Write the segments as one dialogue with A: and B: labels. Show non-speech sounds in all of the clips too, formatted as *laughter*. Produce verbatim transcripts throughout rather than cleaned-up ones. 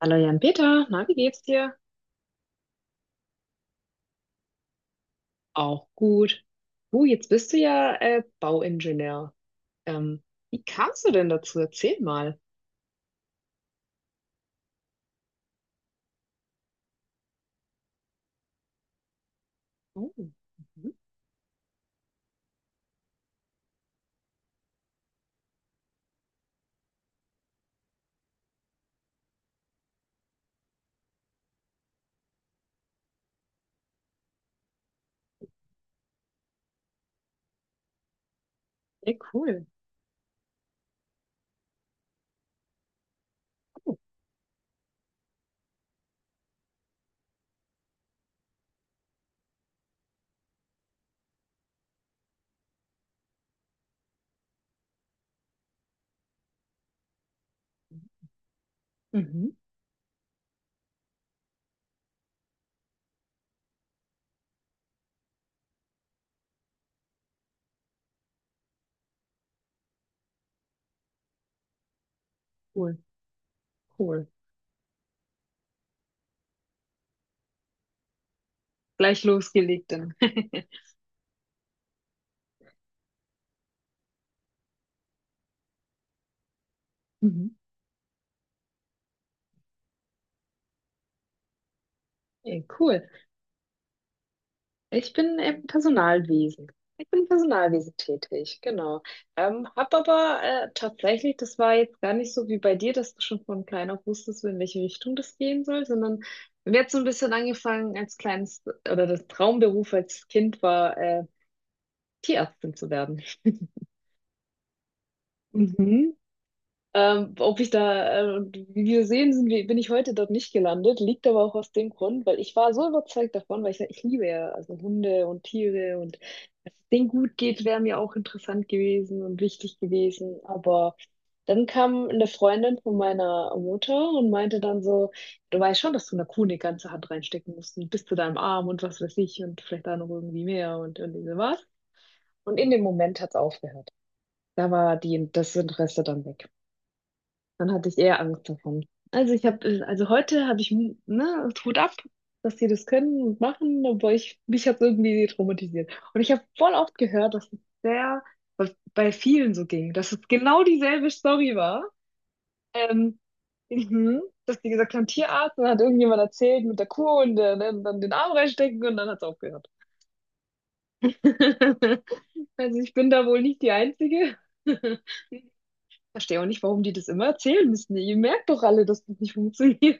A: Hallo Jan-Peter, na, wie geht's dir? Auch gut. Du, jetzt bist du ja äh, Bauingenieur. Ähm, wie kamst du denn dazu? Erzähl mal. Oh, mhm. Ja, cool. Mhm, cool, cool. Gleich losgelegt dann. *laughs* Mhm. Ja, cool. Ich bin im Personalwesen. Ich bin im Personalwesen tätig, genau. Ähm, hab aber äh, tatsächlich, das war jetzt gar nicht so wie bei dir, dass du schon von klein auf wusstest, in welche Richtung das gehen soll, sondern mir hat so ein bisschen angefangen als kleines, oder das Traumberuf als Kind war, äh, Tierärztin zu werden. *laughs* Mhm. Ähm, ob ich da, äh, wie wir sehen, sind wir, bin ich heute dort nicht gelandet. Liegt aber auch aus dem Grund, weil ich war so überzeugt davon, weil ich, ich liebe ja also Hunde und Tiere und dass es denen gut geht, wäre mir auch interessant gewesen und wichtig gewesen. Aber dann kam eine Freundin von meiner Mutter und meinte dann so, du weißt schon, dass du einer Kuh eine ganze Hand reinstecken musst und bis zu deinem Arm und was weiß ich und vielleicht da noch irgendwie mehr und, und so was. Und in dem Moment hat es aufgehört. Da war die, das Interesse dann weg. Dann hatte ich eher Angst davon. Also ich habe, also heute habe ich, ne, Hut ab, dass die das können und machen, aber ich, mich hat irgendwie traumatisiert. Und ich habe voll oft gehört, dass es sehr, bei bei vielen so ging, dass es genau dieselbe Story war. Ähm, mhm, dass die gesagt haben, Tierarzt, und dann hat irgendjemand erzählt mit der Kuh und äh, dann dann den Arm reinstecken und dann hat es aufgehört. *laughs* Also ich bin da wohl nicht die Einzige. *laughs* Verstehe auch nicht, warum die das immer erzählen müssen. Ihr merkt doch alle, dass das nicht funktioniert.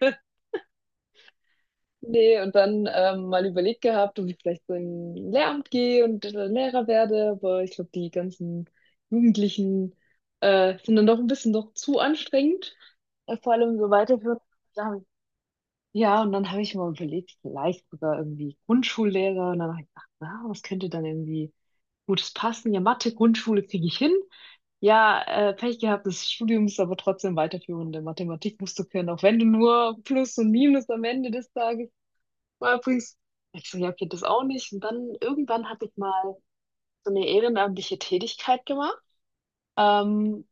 A: Nee, und dann ähm, mal überlegt gehabt, ob ich vielleicht so in ein Lehramt gehe und äh, Lehrer werde, aber ich glaube, die ganzen Jugendlichen äh, sind dann doch ein bisschen noch zu anstrengend, äh, vor allem so weiterführend. Dann- Ja, und dann habe ich mal überlegt, vielleicht sogar irgendwie Grundschullehrer und dann habe ich gedacht, na, was könnte dann irgendwie Gutes passen? Ja, Mathe, Grundschule kriege ich hin. Ja, äh, Pech gehabt, das Studium ist aber trotzdem weiterführende Mathematik musst du können, auch wenn du nur Plus und Minus am Ende des Tages war übrigens, ich so, ja, okay, das auch nicht. Und dann irgendwann habe ich mal so eine ehrenamtliche Tätigkeit gemacht. Ähm,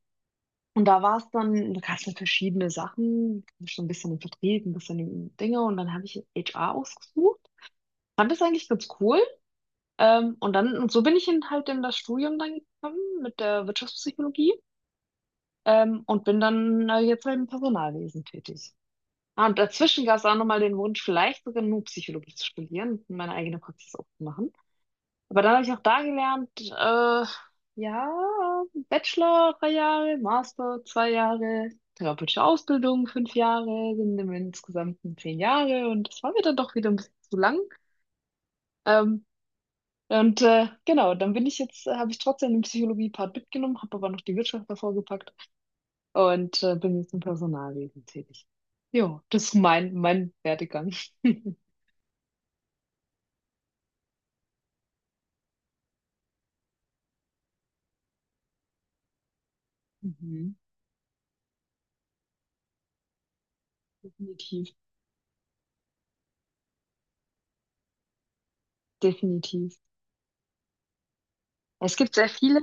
A: und da war es dann, da gab es dann verschiedene Sachen, schon ein bisschen im Vertrieb, ein bisschen im Dinge. Und dann habe ich H R ausgesucht. Fand das eigentlich ganz cool. Ähm, und dann, und so bin ich in, halt in das Studium dann gekommen mit der Wirtschaftspsychologie. Ähm, und bin dann äh, jetzt halt im Personalwesen tätig. Ah, und dazwischen gab es auch nochmal den Wunsch, vielleicht sogar nur Psychologie zu studieren und meine eigene Praxis aufzumachen. Aber dann habe ich auch da gelernt, äh, ja, Bachelor drei Jahre, Master zwei Jahre, therapeutische Ausbildung fünf Jahre, sind im insgesamten zehn Jahre und das war mir dann doch wieder ein bisschen zu lang. Ähm, und äh, genau, dann bin ich jetzt, äh, habe ich trotzdem den Psychologie-Part mitgenommen, habe aber noch die Wirtschaft davor gepackt und äh, bin jetzt im Personalwesen tätig. Ja, das ist mein, mein Werdegang. *laughs* Mhm. Definitiv, definitiv. Es gibt sehr viele.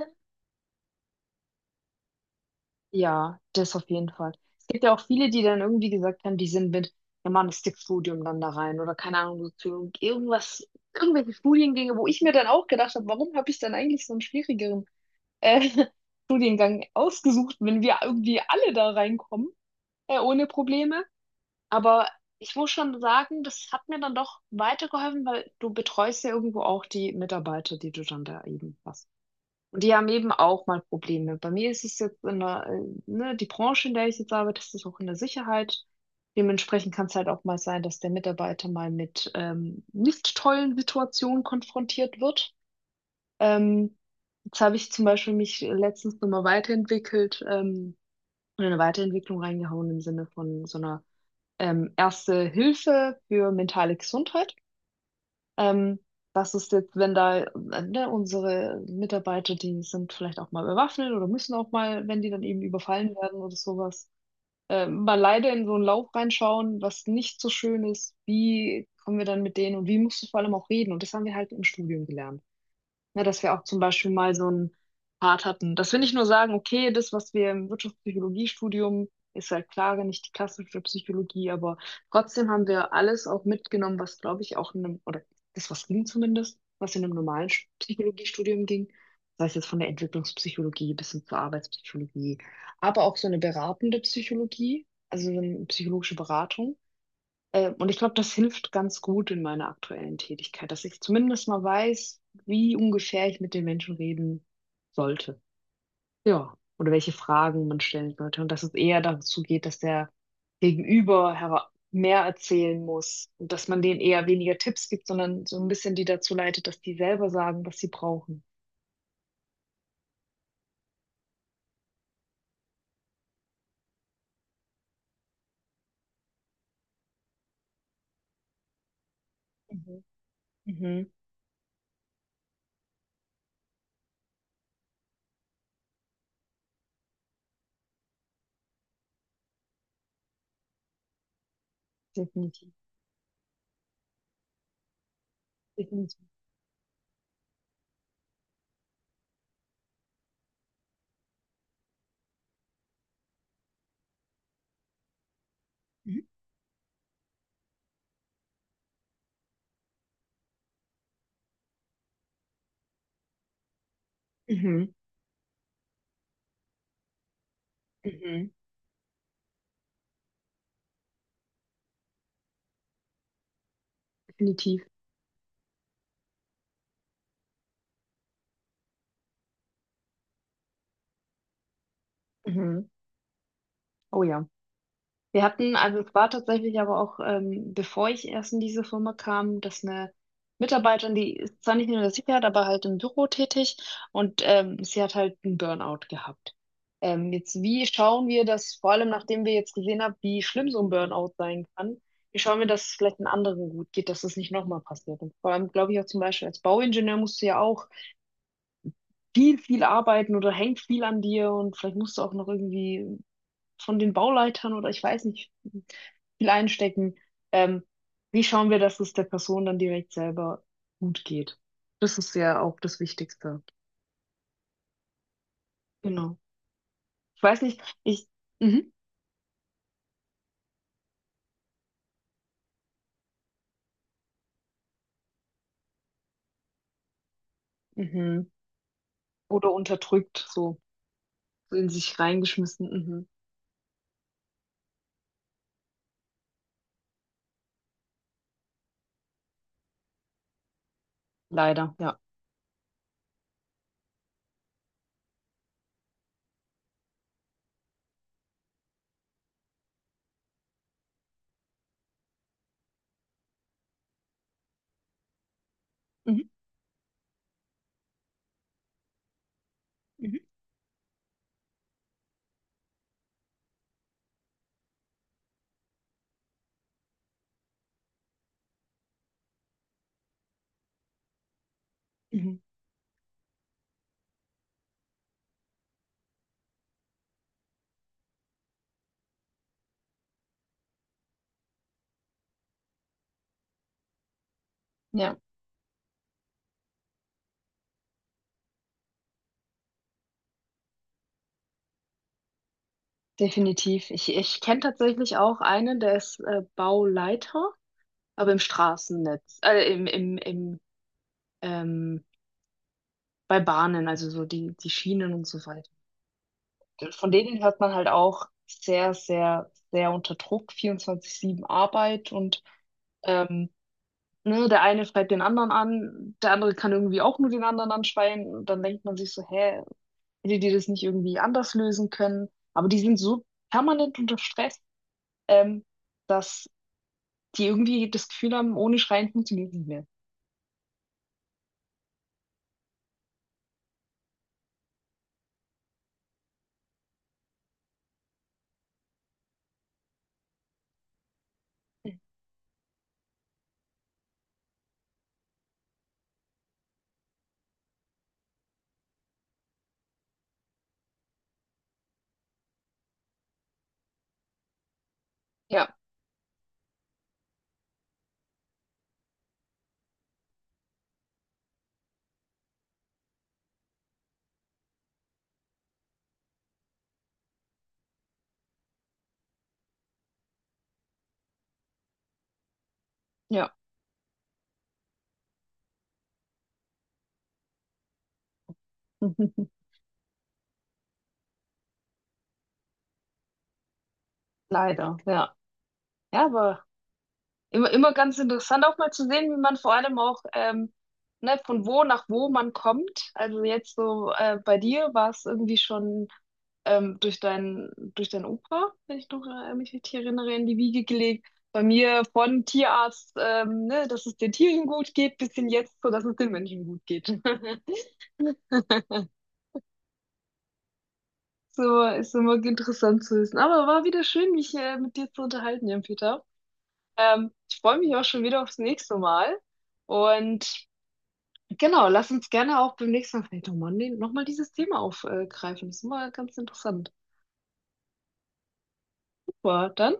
A: Ja, das auf jeden Fall. Es gibt ja auch viele, die dann irgendwie gesagt haben, die sind mit Germanistikstudium dann da rein oder keine Ahnung, Soziologie, irgendwas, irgendwelche Studiengänge, wo ich mir dann auch gedacht habe, warum habe ich dann eigentlich so einen schwierigeren äh, *laughs* Studiengang ausgesucht, wenn wir irgendwie alle da reinkommen, äh, ohne Probleme. Aber ich muss schon sagen, das hat mir dann doch weitergeholfen, weil du betreust ja irgendwo auch die Mitarbeiter, die du dann da eben hast. Und die haben eben auch mal Probleme. Bei mir ist es jetzt in der, äh, ne, die Branche, in der ich jetzt arbeite, das ist auch in der Sicherheit. Dementsprechend kann es halt auch mal sein, dass der Mitarbeiter mal mit ähm, nicht tollen Situationen konfrontiert wird. Ähm, jetzt habe ich zum Beispiel mich letztens nochmal weiterentwickelt ähm, und in eine Weiterentwicklung reingehauen im Sinne von so einer ähm, Erste Hilfe für mentale Gesundheit. Ähm, was ist jetzt, wenn da äh, ne, unsere Mitarbeiter, die sind vielleicht auch mal bewaffnet oder müssen auch mal, wenn die dann eben überfallen werden oder sowas, äh, mal leider in so einen Lauf reinschauen, was nicht so schön ist. Wie kommen wir dann mit denen und wie musst du vor allem auch reden? Und das haben wir halt im Studium gelernt. Ja, dass wir auch zum Beispiel mal so einen Part hatten. Dass wir nicht nur sagen, okay, das, was wir im Wirtschaftspsychologiestudium, ist halt klar nicht die klassische Psychologie, aber trotzdem haben wir alles auch mitgenommen, was, glaube ich, auch in einem, oder das, was ging zumindest, was in einem normalen Sch- Psychologiestudium ging. Sei es jetzt von der Entwicklungspsychologie bis hin zur Arbeitspsychologie, aber auch so eine beratende Psychologie, also so eine psychologische Beratung. Ähm, und ich glaube, das hilft ganz gut in meiner aktuellen Tätigkeit, dass ich zumindest mal weiß, wie ungefähr ich mit den Menschen reden sollte. Ja, oder welche Fragen man stellen sollte. Und dass es eher dazu geht, dass der Gegenüber hera- mehr erzählen muss und dass man denen eher weniger Tipps gibt, sondern so ein bisschen die dazu leitet, dass die selber sagen, was sie brauchen. Mhm. Mhm. Definitiv. Definitiv. Mhm. Mhm. Mhm. Definitiv. Mhm. Oh ja. Wir hatten, also es war tatsächlich aber auch, ähm, bevor ich erst in diese Firma kam, dass eine Mitarbeiterin, die ist zwar nicht in der Sicherheit, aber halt im Büro tätig und ähm, sie hat halt einen Burnout gehabt. Ähm, jetzt, wie schauen wir das, vor allem nachdem wir jetzt gesehen haben, wie schlimm so ein Burnout sein kann, wie schauen wir, dass es vielleicht einen anderen gut geht, dass das nicht nochmal passiert? Und vor allem, glaube ich, auch zum Beispiel als Bauingenieur musst du ja auch viel, viel arbeiten oder hängt viel an dir und vielleicht musst du auch noch irgendwie von den Bauleitern oder ich weiß nicht, viel einstecken. Ähm, wie schauen wir, dass es der Person dann direkt selber gut geht? Das ist ja auch das Wichtigste. Genau. Ich weiß nicht, ich, mhm, mhm. Oder unterdrückt, so in sich reingeschmissen, mhm. Leider, ja. Mhm, mhm, mhm. Ja, definitiv. Ich, ich kenne tatsächlich auch einen, der ist äh, Bauleiter, aber im Straßennetz, äh, im, im, im, ähm, bei Bahnen, also so die, die Schienen und so weiter. Von denen hört man halt auch sehr, sehr, sehr unter Druck, vierundzwanzig sieben Arbeit und ähm, ne, der eine schreit den anderen an, der andere kann irgendwie auch nur den anderen anschreien und dann denkt man sich so, hä, hätte die das nicht irgendwie anders lösen können? Aber die sind so permanent unter Stress, ähm, dass die irgendwie das Gefühl haben, ohne Schreien funktioniert es nicht mehr. Ja, ja. *laughs* Leider, ja. Ja, aber immer, immer ganz interessant auch mal zu sehen, wie man vor allem auch ähm, ne, von wo nach wo man kommt. Also jetzt so äh, bei dir war es irgendwie schon ähm, durch dein, durch dein Opa, wenn ich noch, äh, mich richtig erinnere, in die Wiege gelegt. Bei mir von Tierarzt, ähm, ne, dass es den Tieren gut geht, bis hin jetzt, so dass es den Menschen gut geht. *laughs* So ist immer interessant zu wissen. Aber war wieder schön, mich äh, mit dir zu unterhalten, Jan-Peter. Ähm, ich freue mich auch schon wieder aufs nächste Mal. Und genau, lass uns gerne auch beim nächsten Mal vielleicht nochmal noch mal dieses Thema aufgreifen. Das ist immer ganz interessant. Super, dann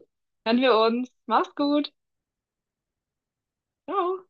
A: hören wir uns. Mach's gut. Ciao.